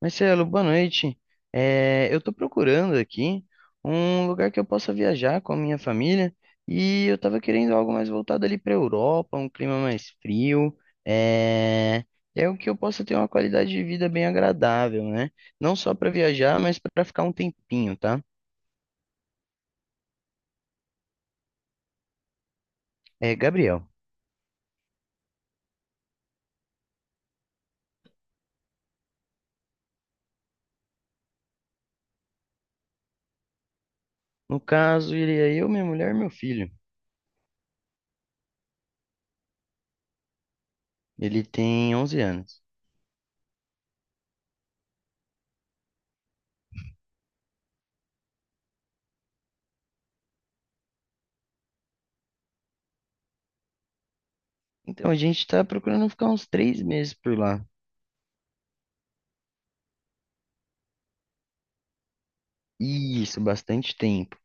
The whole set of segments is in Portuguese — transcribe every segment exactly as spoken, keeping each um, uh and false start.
Marcelo, boa noite. Eh, eu estou procurando aqui um lugar que eu possa viajar com a minha família e eu estava querendo algo mais voltado ali para a Europa, um clima mais frio, é, é o que eu possa ter uma qualidade de vida bem agradável, né? Não só para viajar, mas para ficar um tempinho, tá? É, Gabriel, no caso, iria eu, minha mulher e meu filho. Ele tem onze anos. Então, a gente está procurando ficar uns três meses por lá. Isso, bastante tempo.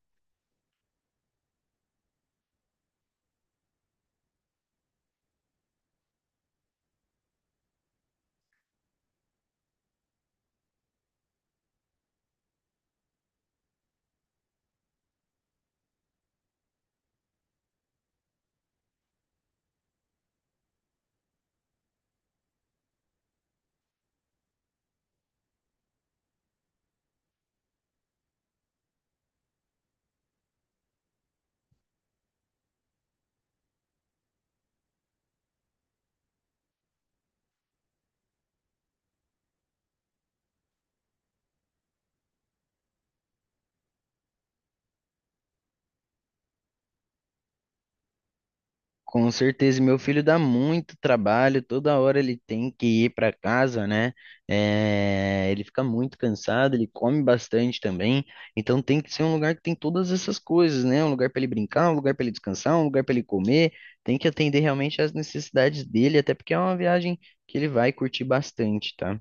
Com certeza, meu filho dá muito trabalho, toda hora ele tem que ir para casa, né? É, ele fica muito cansado, ele come bastante também, então tem que ser um lugar que tem todas essas coisas, né? Um lugar para ele brincar, um lugar para ele descansar, um lugar para ele comer, tem que atender realmente às necessidades dele, até porque é uma viagem que ele vai curtir bastante, tá?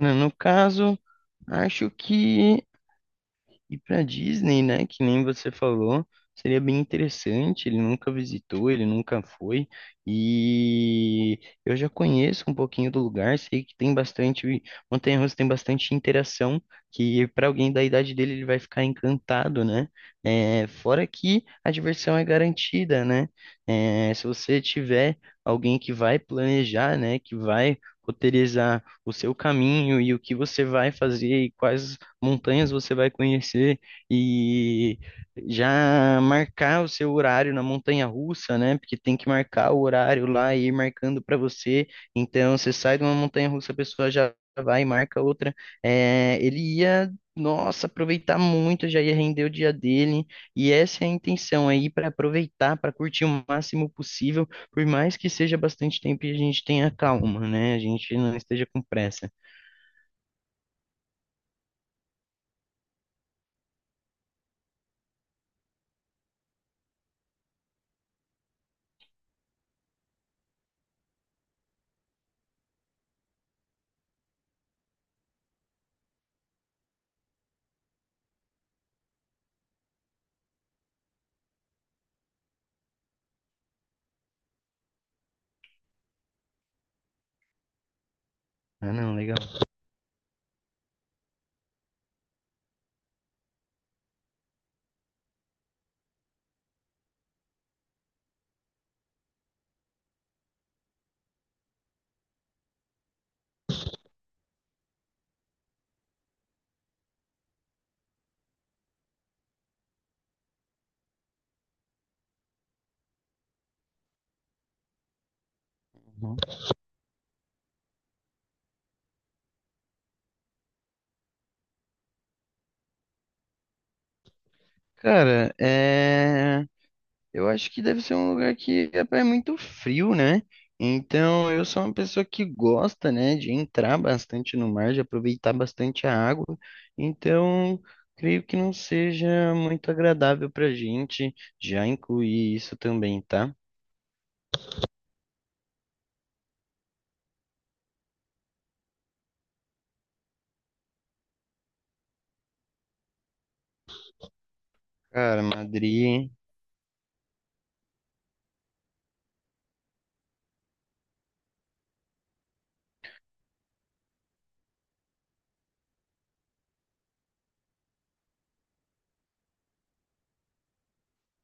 No caso, acho que. E para Disney, né, que nem você falou, seria bem interessante. Ele nunca visitou, ele nunca foi. E eu já conheço um pouquinho do lugar, sei que tem bastante montanha-russa, tem bastante interação, que para alguém da idade dele ele vai ficar encantado, né? É, fora que a diversão é garantida, né? É, se você tiver alguém que vai planejar, né, que vai roteirizar o seu caminho e o que você vai fazer e quais montanhas você vai conhecer e já marcar o seu horário na montanha-russa, né? Porque tem que marcar o horário lá e ir marcando para você. Então você sai de uma montanha-russa, a pessoa já vai e marca outra. É, ele ia, nossa, aproveitar muito, já ia render o dia dele. E essa é a intenção aí para aproveitar, para curtir o máximo possível, por mais que seja bastante tempo e a gente tenha calma, né? A gente não esteja com pressa. Ah, não, legal. Cara, é... eu acho que deve ser um lugar que é pra- é muito frio, né? Então, eu sou uma pessoa que gosta, né, de entrar bastante no mar, de aproveitar bastante a água. Então, creio que não seja muito agradável pra gente já incluir isso também, tá? Cara, Madrid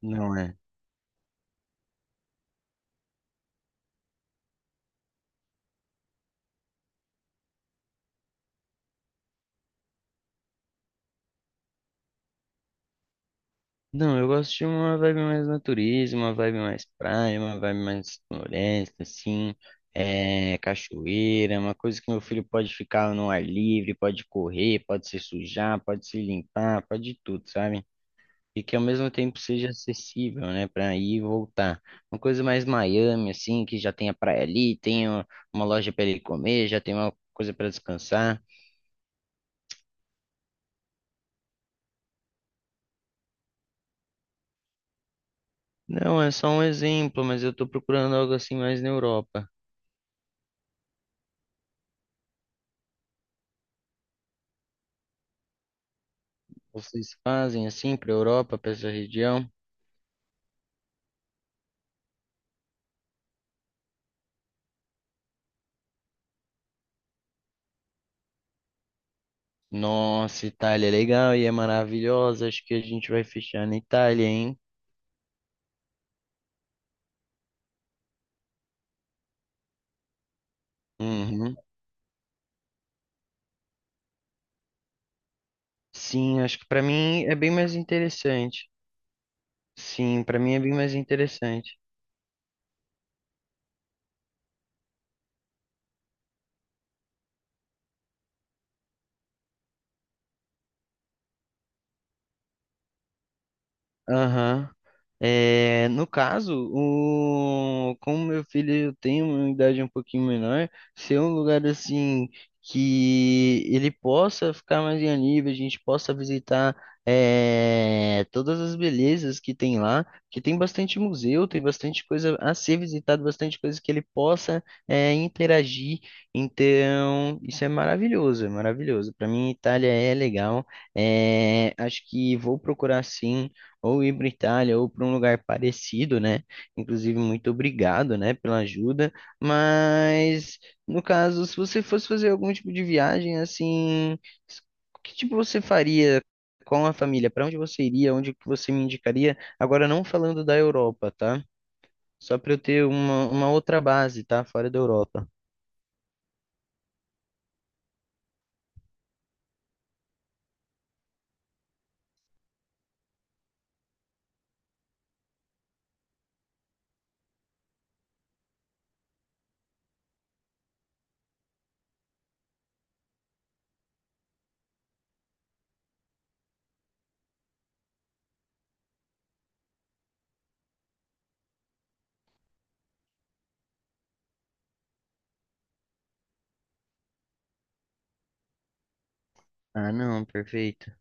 não é. Não, eu gosto de uma vibe mais natureza, uma vibe mais praia, uma vibe mais floresta, assim, é, cachoeira, uma coisa que meu filho pode ficar no ar livre, pode correr, pode se sujar, pode se limpar, pode tudo, sabe? E que ao mesmo tempo seja acessível, né, para ir e voltar. Uma coisa mais Miami, assim, que já tem a praia ali, tem uma uma loja para ele comer, já tem uma coisa para descansar. Não, é só um exemplo, mas eu tô procurando algo assim mais na Europa. Vocês fazem assim para a Europa, para essa região? Nossa, Itália é legal e é maravilhosa. Acho que a gente vai fechar na Itália, hein? Uhum. Sim, acho que para mim é bem mais interessante. Sim, para mim é bem mais interessante. Aham. É, no caso, o, como meu filho tem uma idade um pouquinho menor, ser um lugar assim que ele possa ficar mais em nível, a gente possa visitar é, todas as belezas que tem lá, que tem bastante museu, tem bastante coisa a ser visitado, bastante coisa que ele possa é, interagir. Então, isso é maravilhoso, é maravilhoso. Para mim, Itália é legal. É, acho que vou procurar sim ou ir para Itália ou para um lugar parecido, né? Inclusive, muito obrigado, né, pela ajuda. Mas, no caso, se você fosse fazer algum tipo de viagem, assim, s- que tipo você faria com a família? Para onde você iria? Onde que você me indicaria? Agora, não falando da Europa, tá? Só para eu ter uma, uma outra base, tá? Fora da Europa. Ah, não, perfeito.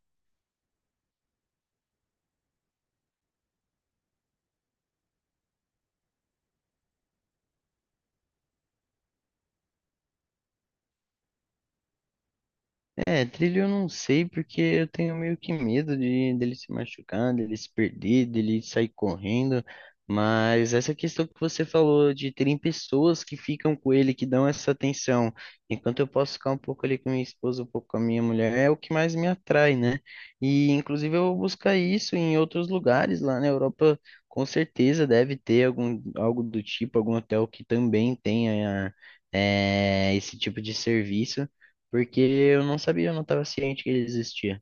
É, trilho eu não sei porque eu tenho meio que medo de dele se machucar, dele se perder, dele sair correndo. Mas essa questão que você falou de terem pessoas que ficam com ele, que dão essa atenção, enquanto eu posso ficar um pouco ali com minha esposa, um pouco com a minha mulher, é o que mais me atrai, né? E inclusive eu vou buscar isso em outros lugares lá na Europa, com certeza deve ter algum algo do tipo, algum hotel que também tenha eh, esse tipo de serviço. Porque eu não sabia, eu não estava ciente que ele existia.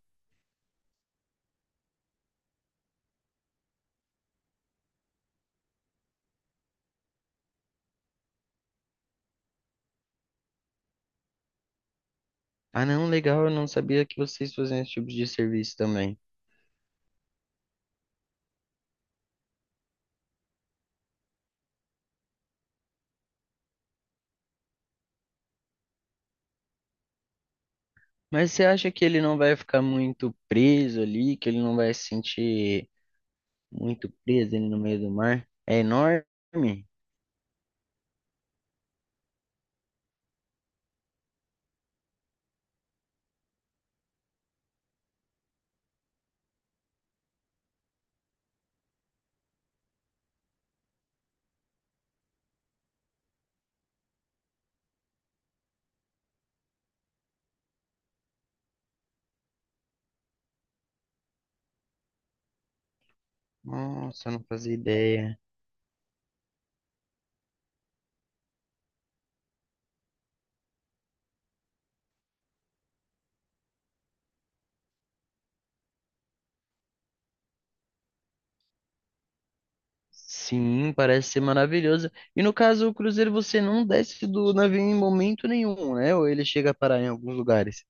Ah, não, legal, eu não sabia que vocês faziam esse tipo de serviço também. Mas você acha que ele não vai ficar muito preso ali, que ele não vai se sentir muito preso ali no meio do mar? É enorme? Nossa, eu não fazia ideia. Sim, parece ser maravilhoso. E no caso, o cruzeiro você não desce do navio em momento nenhum, né? Ou ele chega a parar em alguns lugares?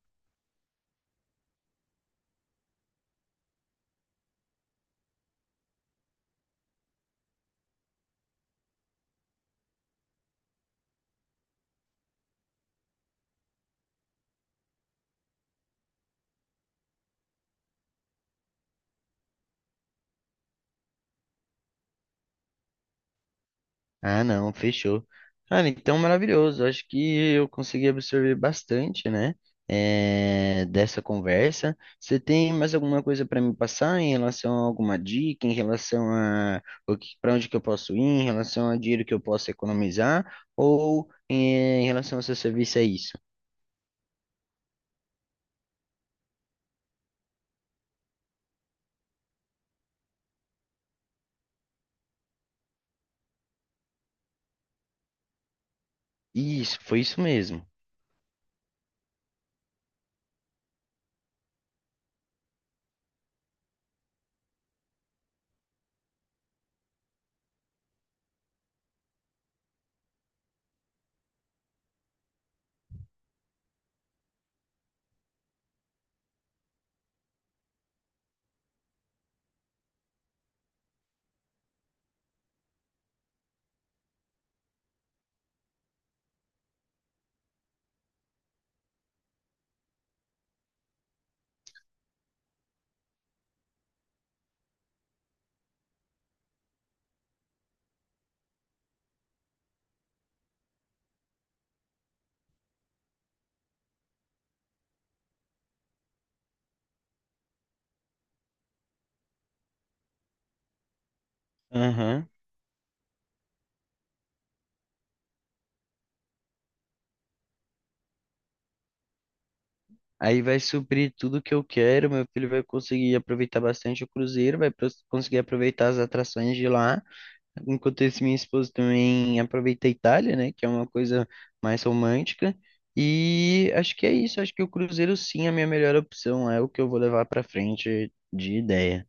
Ah, não, fechou. Cara, então maravilhoso. Acho que eu consegui absorver bastante, né? Eh, dessa conversa. Você tem mais alguma coisa para me passar em relação a alguma dica, em relação a o que, para onde que eu posso ir, em relação a dinheiro que eu posso economizar, ou em, em relação ao seu serviço é isso? Isso, foi isso mesmo. Aham. Aí vai suprir tudo que eu quero. Meu filho vai conseguir aproveitar bastante o cruzeiro, vai pros- conseguir aproveitar as atrações de lá. Enquanto isso, minha esposa também aproveita a Itália, né? Que é uma coisa mais romântica. E acho que é isso. Acho que o cruzeiro sim é a minha melhor opção. É o que eu vou levar pra frente de ideia.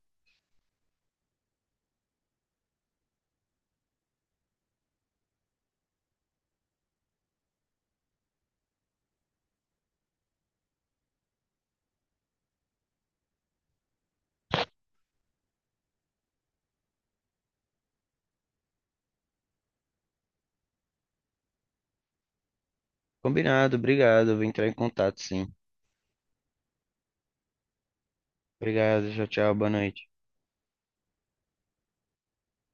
Combinado, obrigado. Eu vou entrar em contato, sim. Obrigado, tchau, tchau, boa noite.